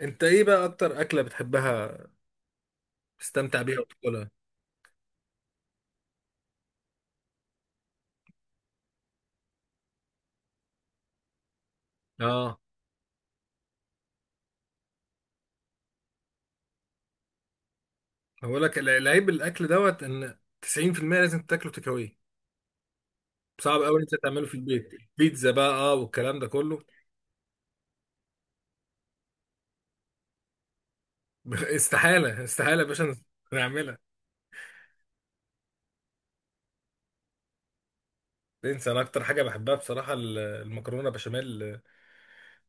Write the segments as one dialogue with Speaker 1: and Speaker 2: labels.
Speaker 1: انت ايه بقى اكتر اكله بتحبها تستمتع بيها وتاكلها؟ اه. هقول لك، العيب الاكل دوت ان 90% لازم تاكله تكاوي، صعب قوي انت تعمله في البيت. بيتزا بقى، اه، والكلام ده كله. استحاله استحاله يا باشا نعملها. انسى. انا اكتر حاجه بحبها بصراحه المكرونه بشاميل.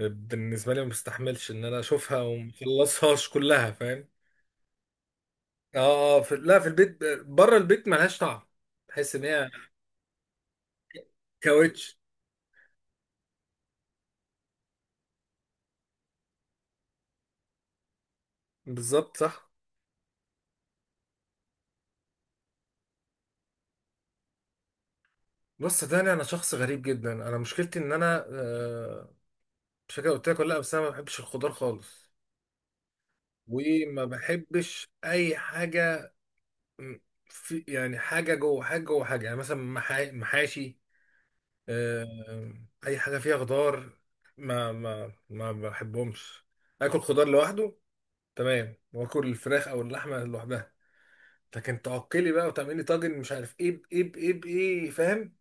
Speaker 1: بالنسبه لي ما بستحملش ان انا اشوفها ومخلصهاش كلها، فاهم. اه اه، لا، في البيت. بره البيت ملهاش طعم، تحس ان هي كاوتش. بالظبط، صح. بص صدقني، انا شخص غريب جدا. انا مشكلتي ان انا مش فاكر قلت لك ولا لا، بس انا ما بحبش الخضار خالص. وما بحبش اي حاجه، م- في يعني حاجه جوه حاجه جوه حاجه، يعني مثلا محاشي. آه، اي حاجه فيها خضار ما بحبهمش. اكل خضار لوحده تمام، واكل الفراخ او اللحمه لوحدها. لكن تعقلي بقى وتعملي طاجن مش عارف ايه بايه بايه بايه، فاهم؟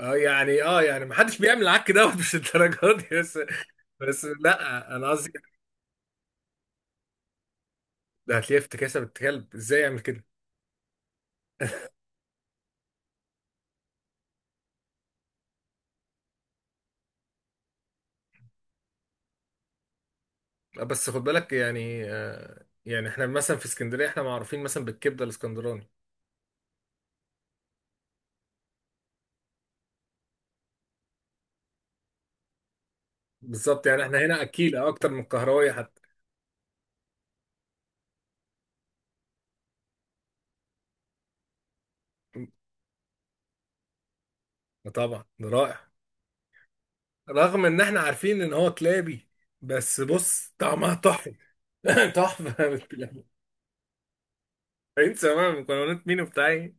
Speaker 1: اه يعني محدش بيعمل العك دوت، مش الدرجات دي. بس لا، انا قصدي ده هتلاقيه افتكاسه، بنت كلب ازاي يعمل كده. بس خد بالك، يعني احنا مثلا في اسكندريه احنا معروفين مثلا بالكبده الاسكندراني. بالظبط، يعني احنا هنا اكيله اكتر من القهراوي حتى. طبعا، ده رائع. رغم ان احنا عارفين ان هو كلابي، بس بص طعمها تحفه. تحفه بالكلاب. انسى بقى مكونات مين وبتاع ايه،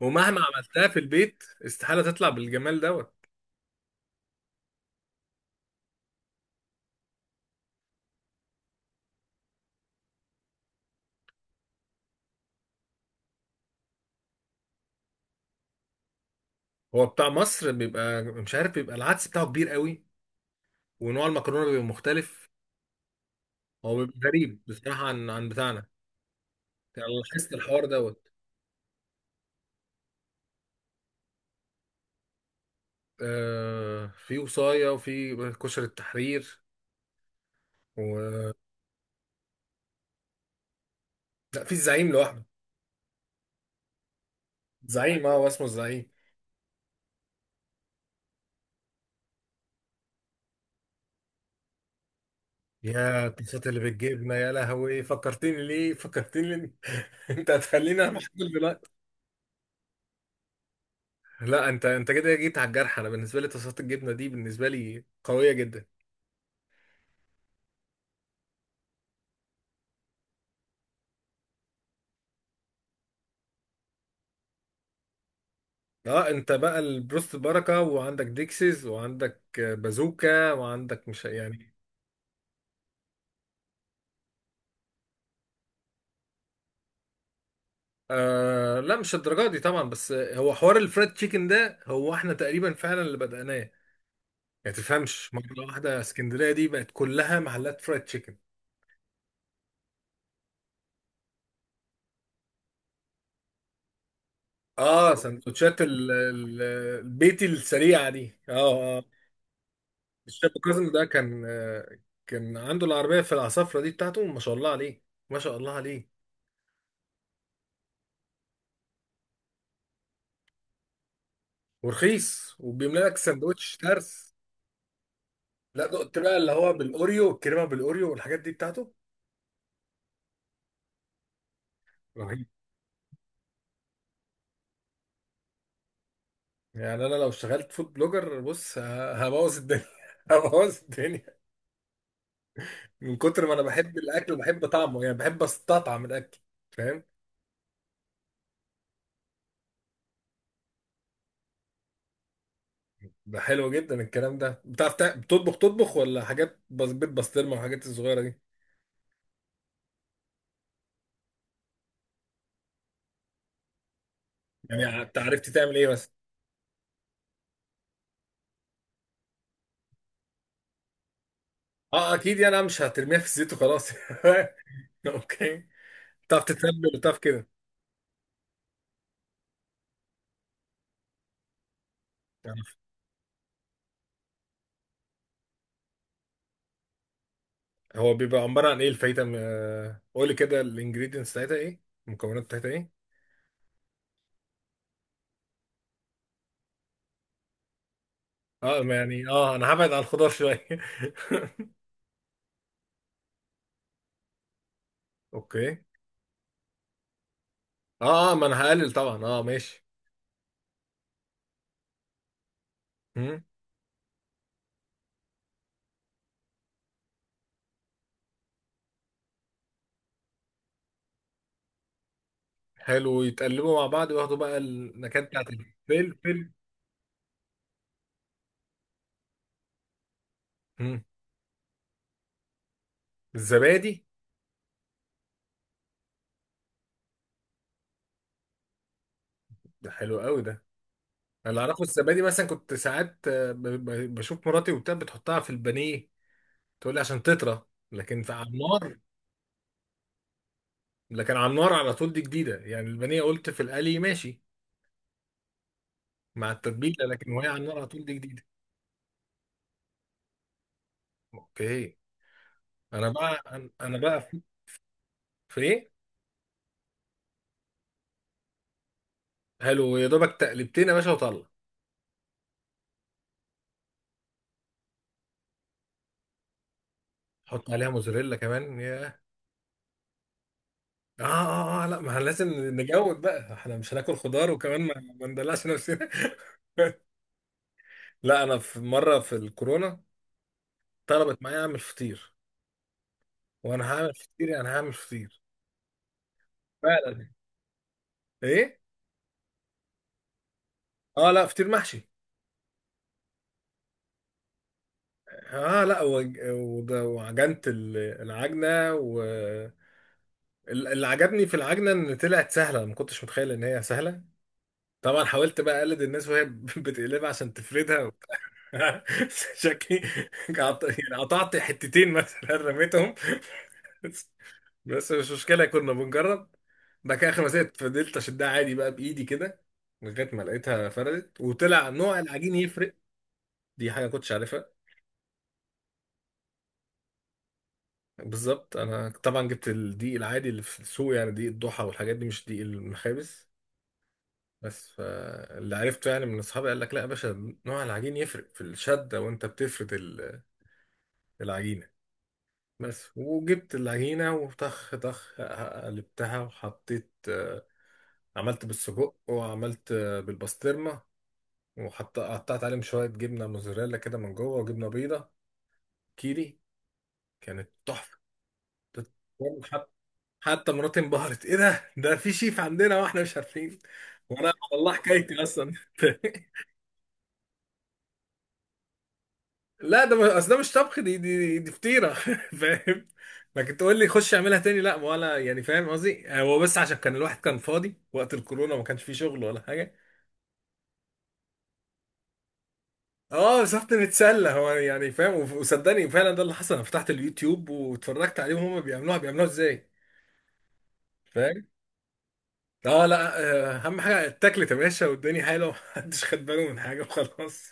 Speaker 1: ومهما عملتها في البيت استحاله تطلع بالجمال دوت. هو بتاع مصر بيبقى مش عارف، بيبقى العدس بتاعه كبير قوي، ونوع المكرونه بيبقى مختلف. هو بيبقى غريب بصراحة عن بتاعنا. يعني أنا لاحظت الحوار دوت. آه، في وصاية وفي كشر التحرير و... لا، في الزعيم لوحده. زعيم، اه، هو اسمه الزعيم. يا القصات اللي بتجيبنا، يا لهوي، فكرتني ليه، فكرتني ليه؟ انت هتخليني اعمل حاجة دلوقتي. لا، انت كده جيت على الجرح. انا بالنسبة لي طاسات الجبنة دي بالنسبة لي قوية جدا. اه، انت بقى البروست بركة، وعندك ديكسيز، وعندك بازوكا، وعندك مش يعني. آه لا، مش الدرجه دي طبعا، بس هو حوار الفريد تشيكن ده، هو احنا تقريبا فعلا اللي بدأناه. ما تفهمش مرة واحدة اسكندرية دي بقت كلها محلات فريد تشيكن. اه، سندوتشات البيتي السريعة دي، اه اه. الشاب كاظم ده كان، كان عنده العربية في العصافرة دي بتاعته، ما شاء الله عليه، ما شاء الله عليه. ورخيص، وبيملى لك سندوتش ترس. لا، دقت بقى اللي هو بالاوريو، الكريمة بالاوريو والحاجات دي بتاعته. يعني انا لو اشتغلت فود بلوجر، بص، هبوظ الدنيا، هبوظ الدنيا من كتر ما انا بحب الاكل وبحب طعمه، يعني بحب استطعم الاكل، فاهم. ده حلو جدا الكلام ده. بتعرف بتطبخ؟ تطبخ ولا حاجات بس بيت، بسطرمه والحاجات الصغيره دي. يعني انت عرفت تعمل ايه بس؟ اه اكيد، يعني انا مش هترميها في الزيت وخلاص. اوكي، بتعرف تتبل وبتعرف كده. يعني هو بيبقى عباره عن ايه الفايته، قولي كده الانجريدينتس بتاعتها ايه، المكونات بتاعتها ايه. اه، ما يعني اه انا هبعد عن الخضار شويه. اوكي. اه، ما انا هقلل طبعا، اه ماشي. مم. حلو، يتقلبوا مع بعض وياخدوا بقى النكهات بتاعت الفلفل. مم. الزبادي، ده حلو قوي ده. اللي اعرفه الزبادي، مثلا كنت ساعات، بشوف مراتي وبتاع بتحطها في البانيه، تقول لي عشان تطرى، لكن في على النار، لكن على النار على طول دي جديده. يعني البانيه قلت في القلي ماشي مع التتبيله، لكن وهي على النار على طول دي جديده. اوكي. انا بقى في ايه؟ حلو، يا دوبك تقلبتين يا باشا وطلع. حط عليها موزاريلا كمان يا. لا، ما لازم نجود بقى، احنا مش هناكل خضار وكمان، ما ندلعش نفسنا. لا، انا في مره في الكورونا طلبت معايا اعمل فطير، وانا هعمل فطير، يعني هعمل فطير، فعلا. ايه؟ اه لا، فطير محشي. اه لا، وعجنت العجنه، و اللي عجبني في العجنه ان طلعت سهله، ما كنتش متخيل ان هي سهله. طبعا حاولت بقى اقلد الناس وهي بتقلبها عشان تفردها وبتاع. شكلي يعني قطعت حتتين مثلا، رميتهم، بس مش مشكله كنا بنجرب. بعد كده اخر ما سقطت، فضلت اشدها عادي بقى بايدي كده، لغايه ما لقيتها فردت. وطلع نوع العجين يفرق، دي حاجه كنتش عارفها. بالظبط. انا طبعا جبت الدقيق العادي اللي في السوق، يعني دقيق الضحى والحاجات دي، مش دقيق المخابز. بس فاللي عرفته يعني من اصحابي قال لك لا يا باشا، نوع العجين يفرق في الشده وانت بتفرد العجينة. بس، وجبت العجينة وطخ طخ، قلبتها وحطيت، عملت بالسجق، وعملت بالبسطرمة. وحط، قطعت عليهم شوية جبنة موزاريلا كده من جوه، وجبنة بيضة كيري. كانت تحفة. حت- حتى مراتي انبهرت، ايه ده، ده في شيف عندنا واحنا مش عارفين. وانا والله حكايتي اصلا. لا، ده اصل ده مش طبخ، دي فطيره. فاهم. لكن تقول لي خش اعملها تاني، لا، ولا يعني، فاهم قصدي، يعني هو بس عشان كان الواحد كان فاضي وقت الكورونا، ما كانش فيه شغل ولا حاجه. اه، سافت نتسلى هو يعني، فاهم. وصدقني فعلا، ده اللي حصل، انا فتحت اليوتيوب واتفرجت عليهم هما بيعملوها، بيعملوها ازاي، فاهم. اه لا، اهم حاجه اتاكلت يا باشا، والدنيا حلوه. محدش خد باله من حاجه وخلاص.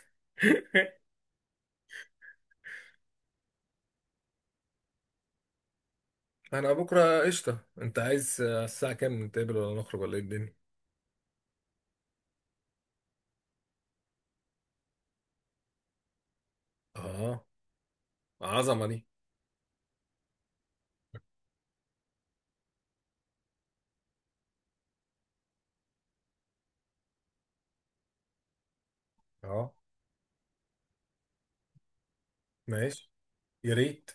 Speaker 1: انا بكره قشطه. انت عايز، الساعه كام نتقابل، ولا نخرج، ولا ايه الدنيا. اه، عظمه دي. اه ماشي. يا ريت،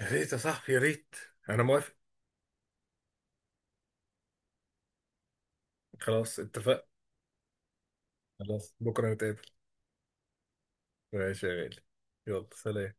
Speaker 1: يا ريت يا صاحبي، يا ريت. انا موافق. خلاص اتفقنا. خلاص بكره نتقابل. ماشي يا غالي، يلا سلام.